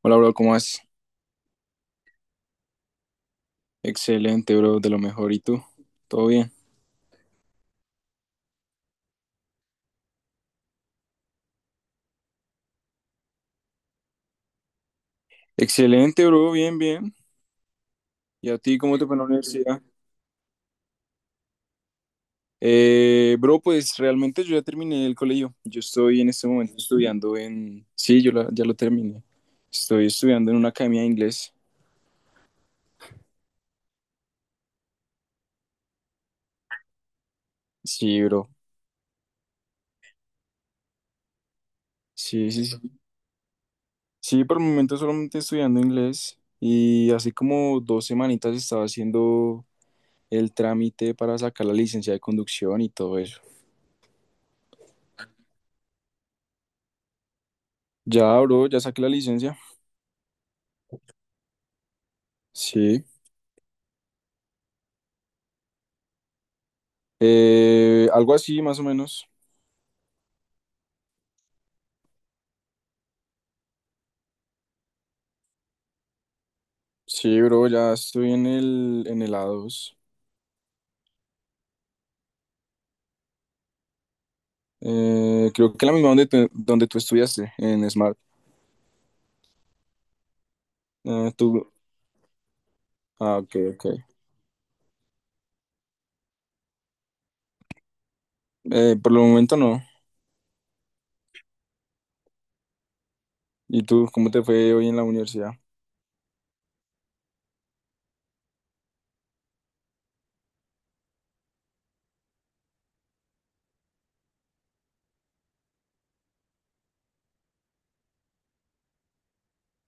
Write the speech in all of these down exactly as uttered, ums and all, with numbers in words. Hola, bro, ¿cómo vas? Excelente, bro, de lo mejor. ¿Y tú? ¿Todo bien? Excelente, bro, bien, bien. ¿Y a ti cómo te fue en la universidad? Eh, bro, pues realmente yo ya terminé el colegio. Yo estoy en este momento estudiando en... Sí, yo la- ya lo terminé. Estoy estudiando en una academia de inglés. Sí, bro. Sí, sí, sí. Sí, por el momento solamente estudiando inglés. Y hace como dos semanitas estaba haciendo el trámite para sacar la licencia de conducción y todo eso. Ya, bro, ya saqué la licencia. Sí. Eh, algo así, más o menos. Sí, bro, ya estoy en el, en el A dos. Eh, creo que la misma donde, tú- donde tú estudiaste, en Smart. Eh, tú, ah, ok, ok. Eh, por el momento no. ¿Y tú, cómo te fue hoy en la universidad?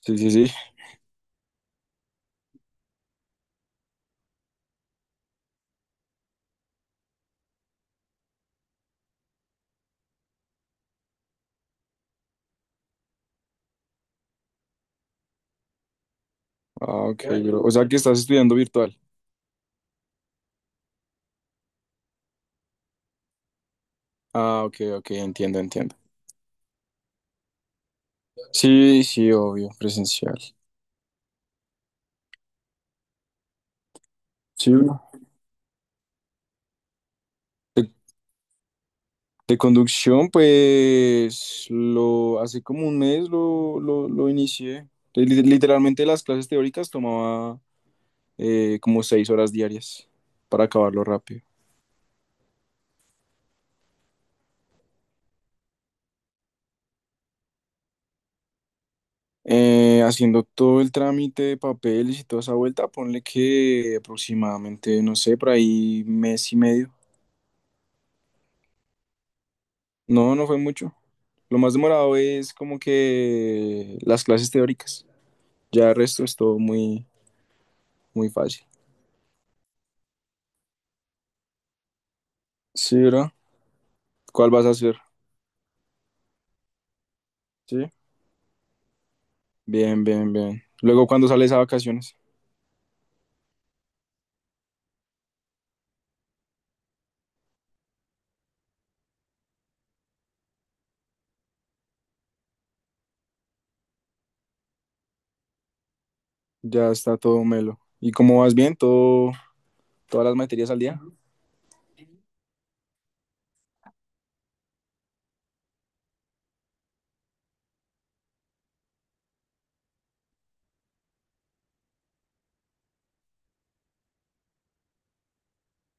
Sí, sí, sí. Ah, ok, bro. O sea que estás estudiando virtual. Ah, ok, ok, entiendo, entiendo. Sí, sí, obvio, presencial. Sí, bro. Te De conducción, pues lo hace como un mes lo, lo, lo inicié. Li- Literalmente las clases teóricas tomaba eh, como seis horas diarias para acabarlo rápido. Eh, haciendo todo el trámite de papeles y toda esa vuelta, ponle que aproximadamente, no sé, por ahí mes y medio. No, no fue mucho. Lo más demorado es como que las clases teóricas. Ya el resto es todo muy, muy fácil. Sí, ¿verdad? ¿Cuál vas a hacer? Sí. Bien, bien, bien. Luego, ¿cuándo sales a vacaciones? Ya está todo melo. ¿Y cómo vas bien? ¿Todo, ¿todas las materias al día?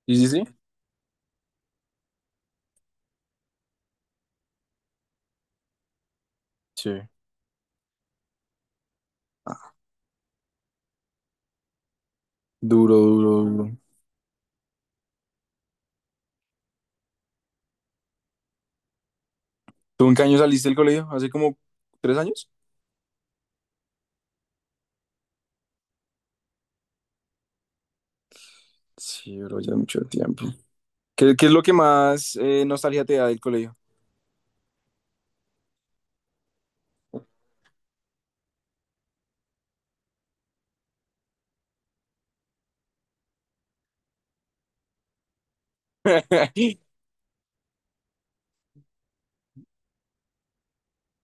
Sí, sí, sí. Sí. Duro, duro, duro. ¿Tú en qué año saliste del colegio? ¿Hace como tres años? Sí, bro, ya mucho tiempo. ¿Qué, qué es lo que más eh, nostalgia te da del colegio?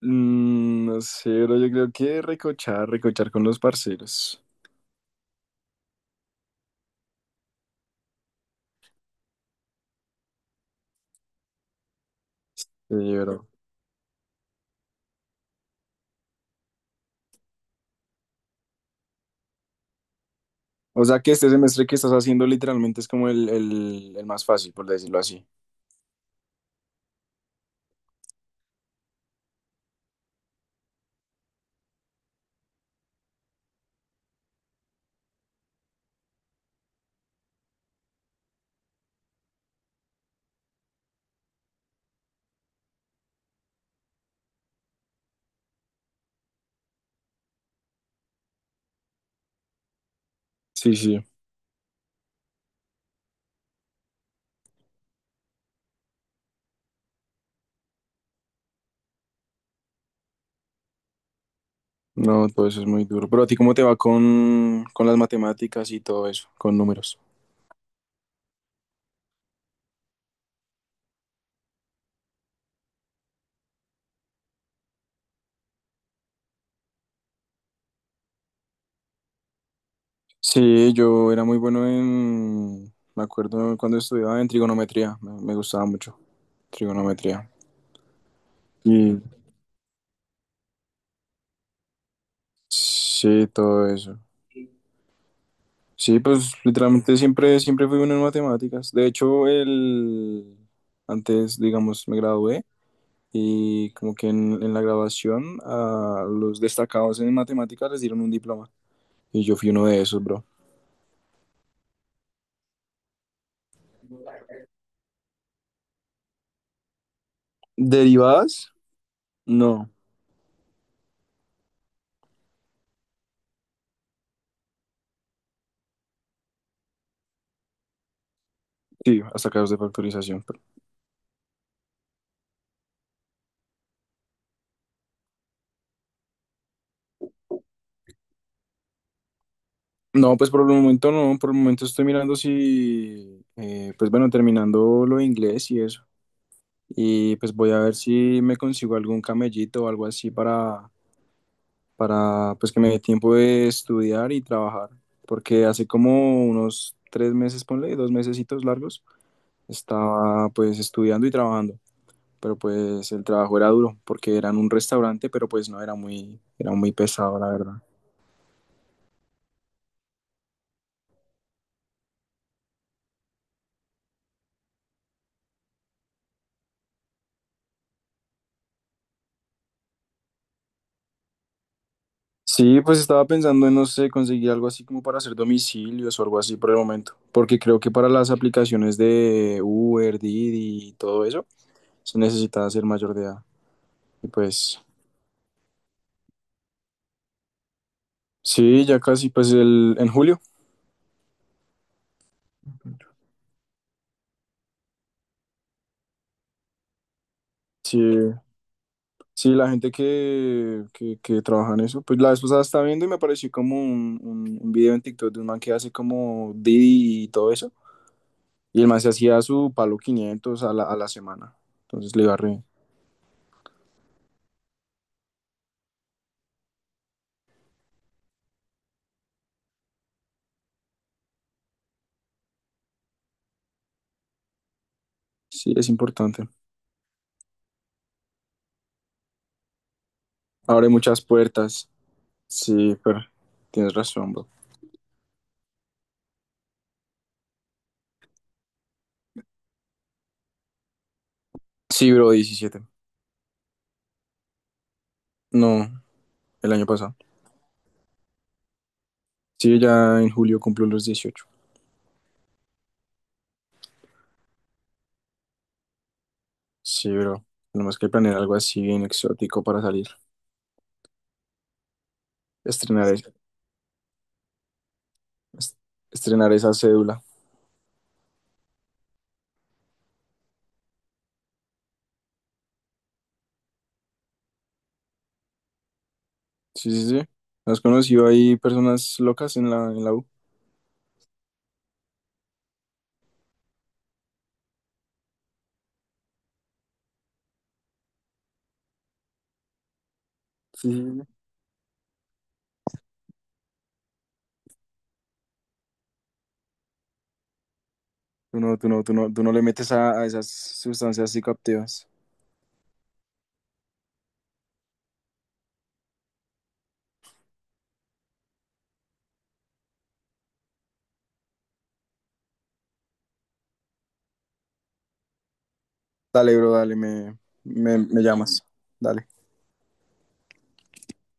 Mm, no sé, bro, yo creo que recochar, recochar con los parceros. Sí, bro. O sea que este semestre que estás haciendo literalmente es como el, el, el más fácil, por decirlo así. Sí, sí. No, todo eso es muy duro. Pero a ti, ¿cómo te va con, con las matemáticas y todo eso, con números? Sí, yo era muy bueno en, me acuerdo cuando estudiaba en trigonometría, me, me gustaba mucho trigonometría. Y sí, todo eso. Sí, pues literalmente siempre, siempre fui bueno en matemáticas. De hecho, el, antes, digamos, me gradué y como que en, en la graduación a los destacados en matemáticas les dieron un diploma. Y yo fui uno de esos, bro. Derivadas, no, sí, hasta casos de factorización. Pero- no, pues por el momento no, por el momento estoy mirando si, eh, pues bueno, terminando lo de inglés y eso. Y pues voy a ver si me consigo algún camellito o algo así para, para pues que me dé tiempo de estudiar y trabajar. Porque hace como unos tres meses, ponle, dos mesecitos largos, estaba pues estudiando y trabajando. Pero pues el trabajo era duro, porque era en un restaurante, pero pues no era muy, era muy pesado, la verdad. Sí, pues estaba pensando en, no sé, conseguir algo así como para hacer domicilios o algo así por el momento, porque creo que para las aplicaciones de Uber, Didi y todo eso, se necesita ser mayor de edad. Y pues, sí, ya casi, pues el, en julio. Sí, sí, la gente que, que, que trabaja en eso, pues la vez pasada estaba viendo y me apareció como un, un, un video en TikTok de un man que hace como Didi y todo eso, y el man se hacía su palo quinientos a la, a la semana, entonces le iba re. Sí, es importante. Abre muchas puertas. Sí, pero tienes razón, bro. Sí, bro, diecisiete. No, el año pasado. Sí, ya en julio cumplo los dieciocho. Sí, bro. Tenemos que planear algo así bien exótico para salir. Estrenar, es- est- estrenar esa cédula. Sí, sí, sí. ¿Has conocido ahí personas locas en la, en la U? Sí, sí, sí. Tú no, tú no, tú no, tú no le metes a, a esas sustancias psicoactivas. Dale, bro, dale, me, me, me llamas. Dale.